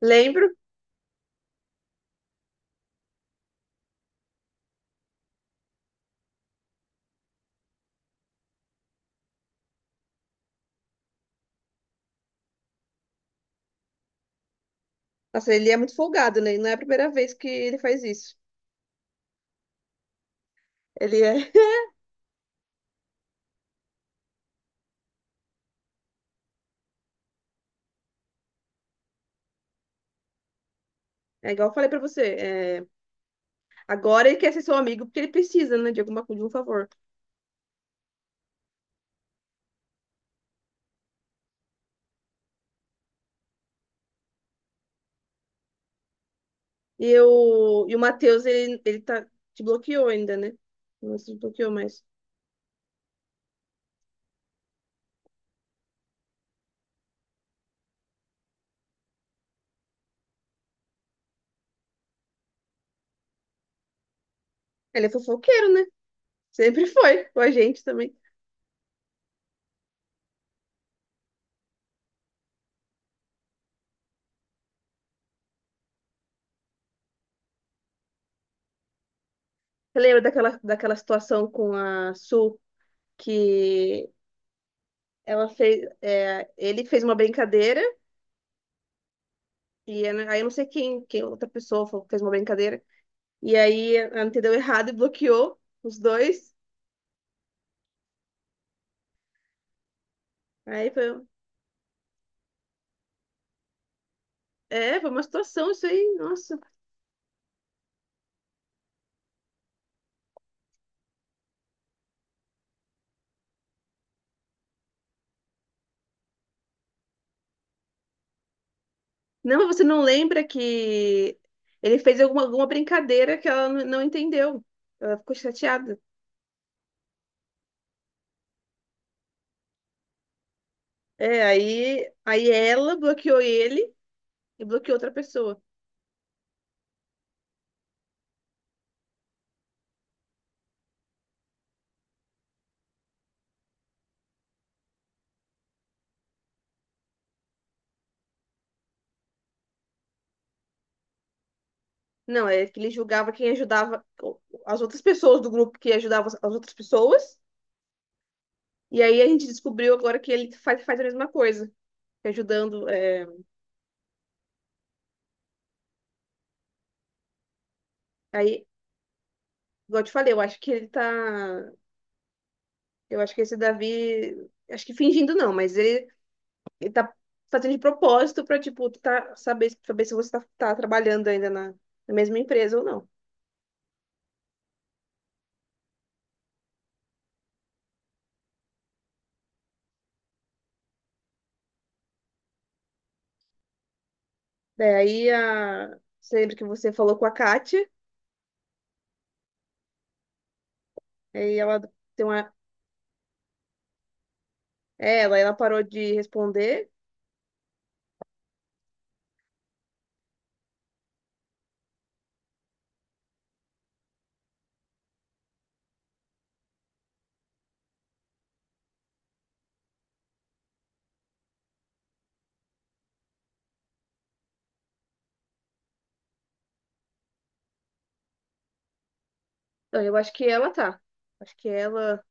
Lembro. Nossa, ele é muito folgado, né? Não é a primeira vez que ele faz isso. Ele é, é igual eu falei pra você. É, agora ele quer ser seu amigo porque ele precisa, né? De alguma coisa, de um favor. E o Matheus, ele te bloqueou ainda, né? Não se bloqueou mais. Ele é fofoqueiro, né? Sempre foi. Com a gente também. Você lembra daquela situação com a Su que ela fez. É, ele fez uma brincadeira. E né, aí eu não sei quem outra pessoa fez uma brincadeira. E aí ela entendeu errado e bloqueou os dois. Aí foi uma situação isso aí, nossa. Não, mas você não lembra que ele fez alguma brincadeira que ela não entendeu. Ela ficou chateada. É, aí ela bloqueou ele e bloqueou outra pessoa. Não, é que ele julgava quem ajudava as outras pessoas do grupo que ajudavam as outras pessoas. E aí a gente descobriu agora que ele faz a mesma coisa, ajudando. É, aí, igual eu te falei. Eu acho que esse Davi, acho que fingindo não, mas ele tá fazendo de propósito pra, tipo, tá, saber se você tá trabalhando ainda na mesma empresa ou não. Daí, você lembra que você falou com a Kátia, aí ela tem uma, é, ela parou de responder. Não, eu acho que ela tá. Acho que ela,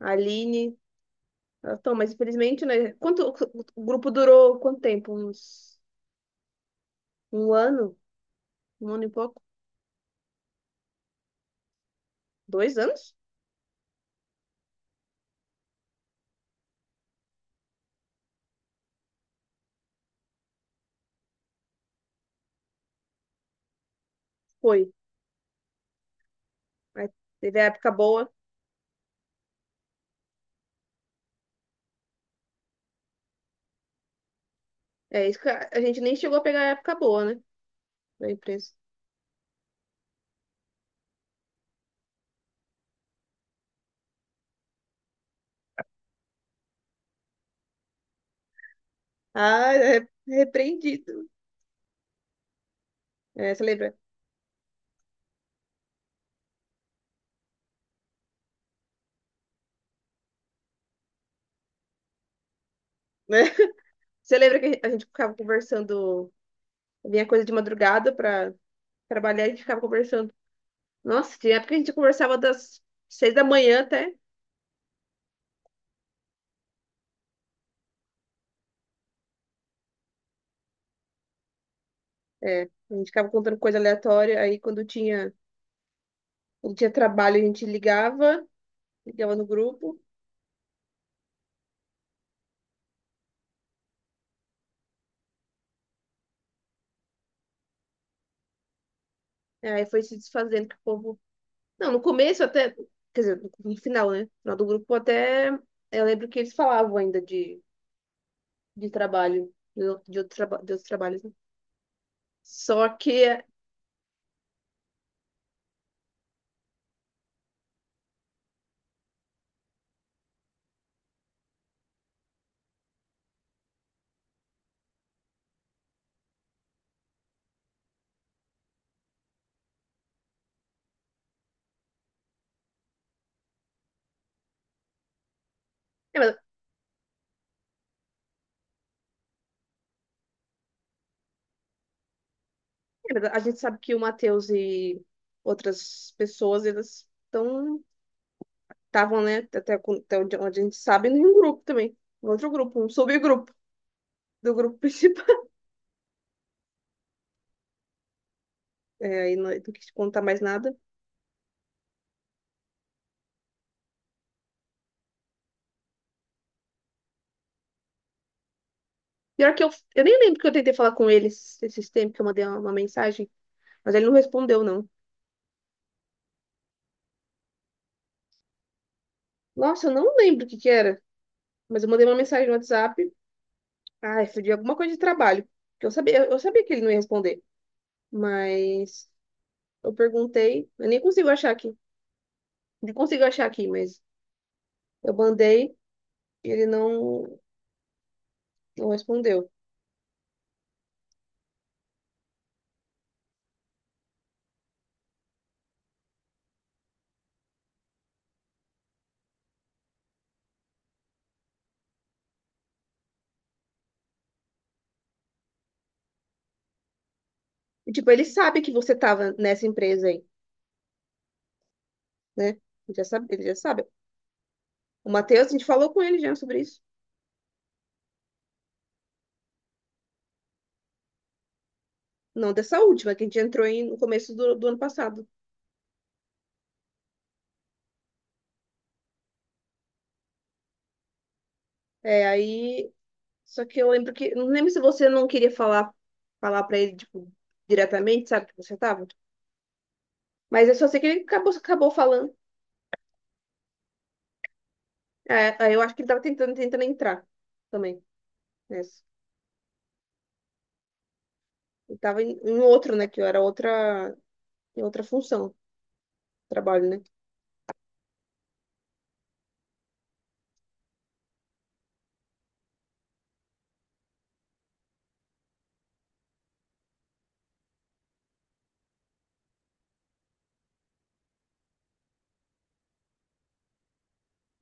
a Aline, ela tá, mas infelizmente, né? O grupo durou quanto tempo? Um ano? Um ano e pouco? 2 anos? Foi. Aí teve a época boa. É isso que a gente nem chegou a pegar a época boa, né? Da imprensa. Ah, é repreendido. É, você lembra, né? Você lembra que a gente ficava conversando, vinha coisa de madrugada pra trabalhar, a gente ficava conversando. Nossa, tinha época que a gente conversava das 6 da manhã até. É, a gente ficava contando coisa aleatória, aí quando tinha trabalho a gente ligava no grupo, aí foi se desfazendo que o povo... Não, no começo até, quer dizer, no final, né? No final do grupo até, eu lembro que eles falavam ainda de trabalho, de outros trabalhos, né? Só que mas- é, mas a gente sabe que o Matheus e outras pessoas, eles estavam, né, até, até onde a gente sabe, em um grupo também, em outro grupo, um subgrupo do grupo principal. É, e não quis contar mais nada. Pior que eu nem lembro que eu tentei falar com ele esses tempos, que eu mandei uma mensagem, mas ele não respondeu, não. Nossa, eu não lembro o que que era, mas eu mandei uma mensagem no WhatsApp, de alguma coisa de trabalho, que eu sabia que ele não ia responder. Mas eu perguntei, eu nem consigo achar aqui. Nem consigo achar aqui, mas eu mandei e ele não respondeu. E, tipo, ele sabe que você tava nessa empresa aí, né? Ele já sabe, ele já sabe. O Matheus, a gente falou com ele já sobre isso. Não dessa última, que a gente entrou no começo do ano passado. É, aí. Só que eu lembro que. Não lembro se você não queria falar pra ele, tipo, diretamente, sabe, que você tava. Mas eu só sei que ele acabou falando. É, aí eu acho que ele tava tentando entrar também. Nessa. Eu tava em outro, né? Que eu era outra, em outra função, trabalho, né?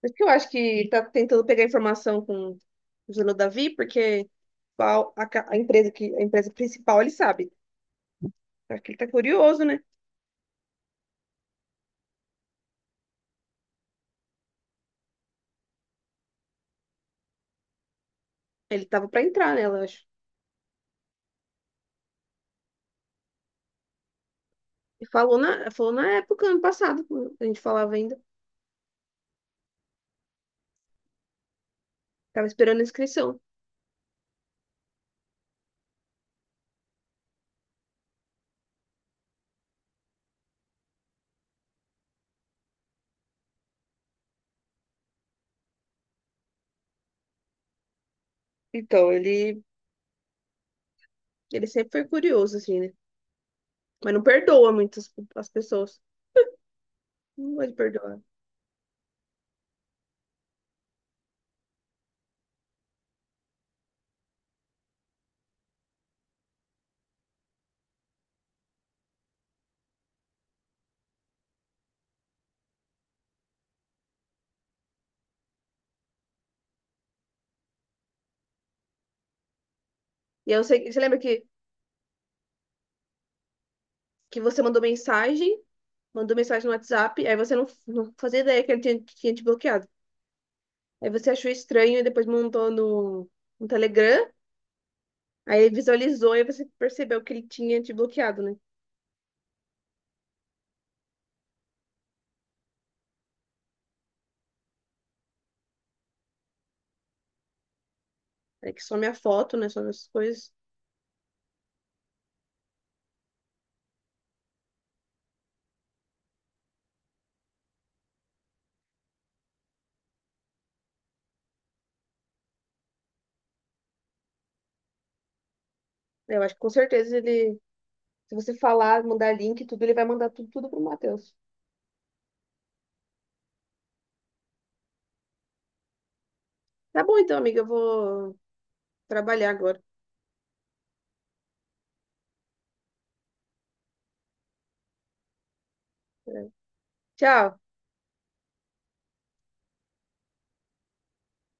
Por isso que eu acho que tá tentando pegar informação com o Zelo Davi, porque a empresa principal ele sabe. Acho que ele tá curioso, né? Ele tava pra entrar nela, eu acho. E falou na época, ano passado, a gente falava ainda. Tava esperando a inscrição. Então, ele sempre foi curioso, assim, né? Mas não perdoa muitas as pessoas. Não gosta de perdoar. E aí, eu sei, você lembra que você mandou mensagem no WhatsApp, aí você não fazia ideia que ele tinha te bloqueado. Aí você achou estranho e depois montou no Telegram, aí ele visualizou e você percebeu que ele tinha te bloqueado, né? Aí que some a foto, né? Some essas coisas. Eu acho que com certeza ele, se você falar, mandar link, e tudo, ele vai mandar tudo, tudo pro Matheus. Tá bom então, amiga, eu vou trabalhar agora. É. Tchau.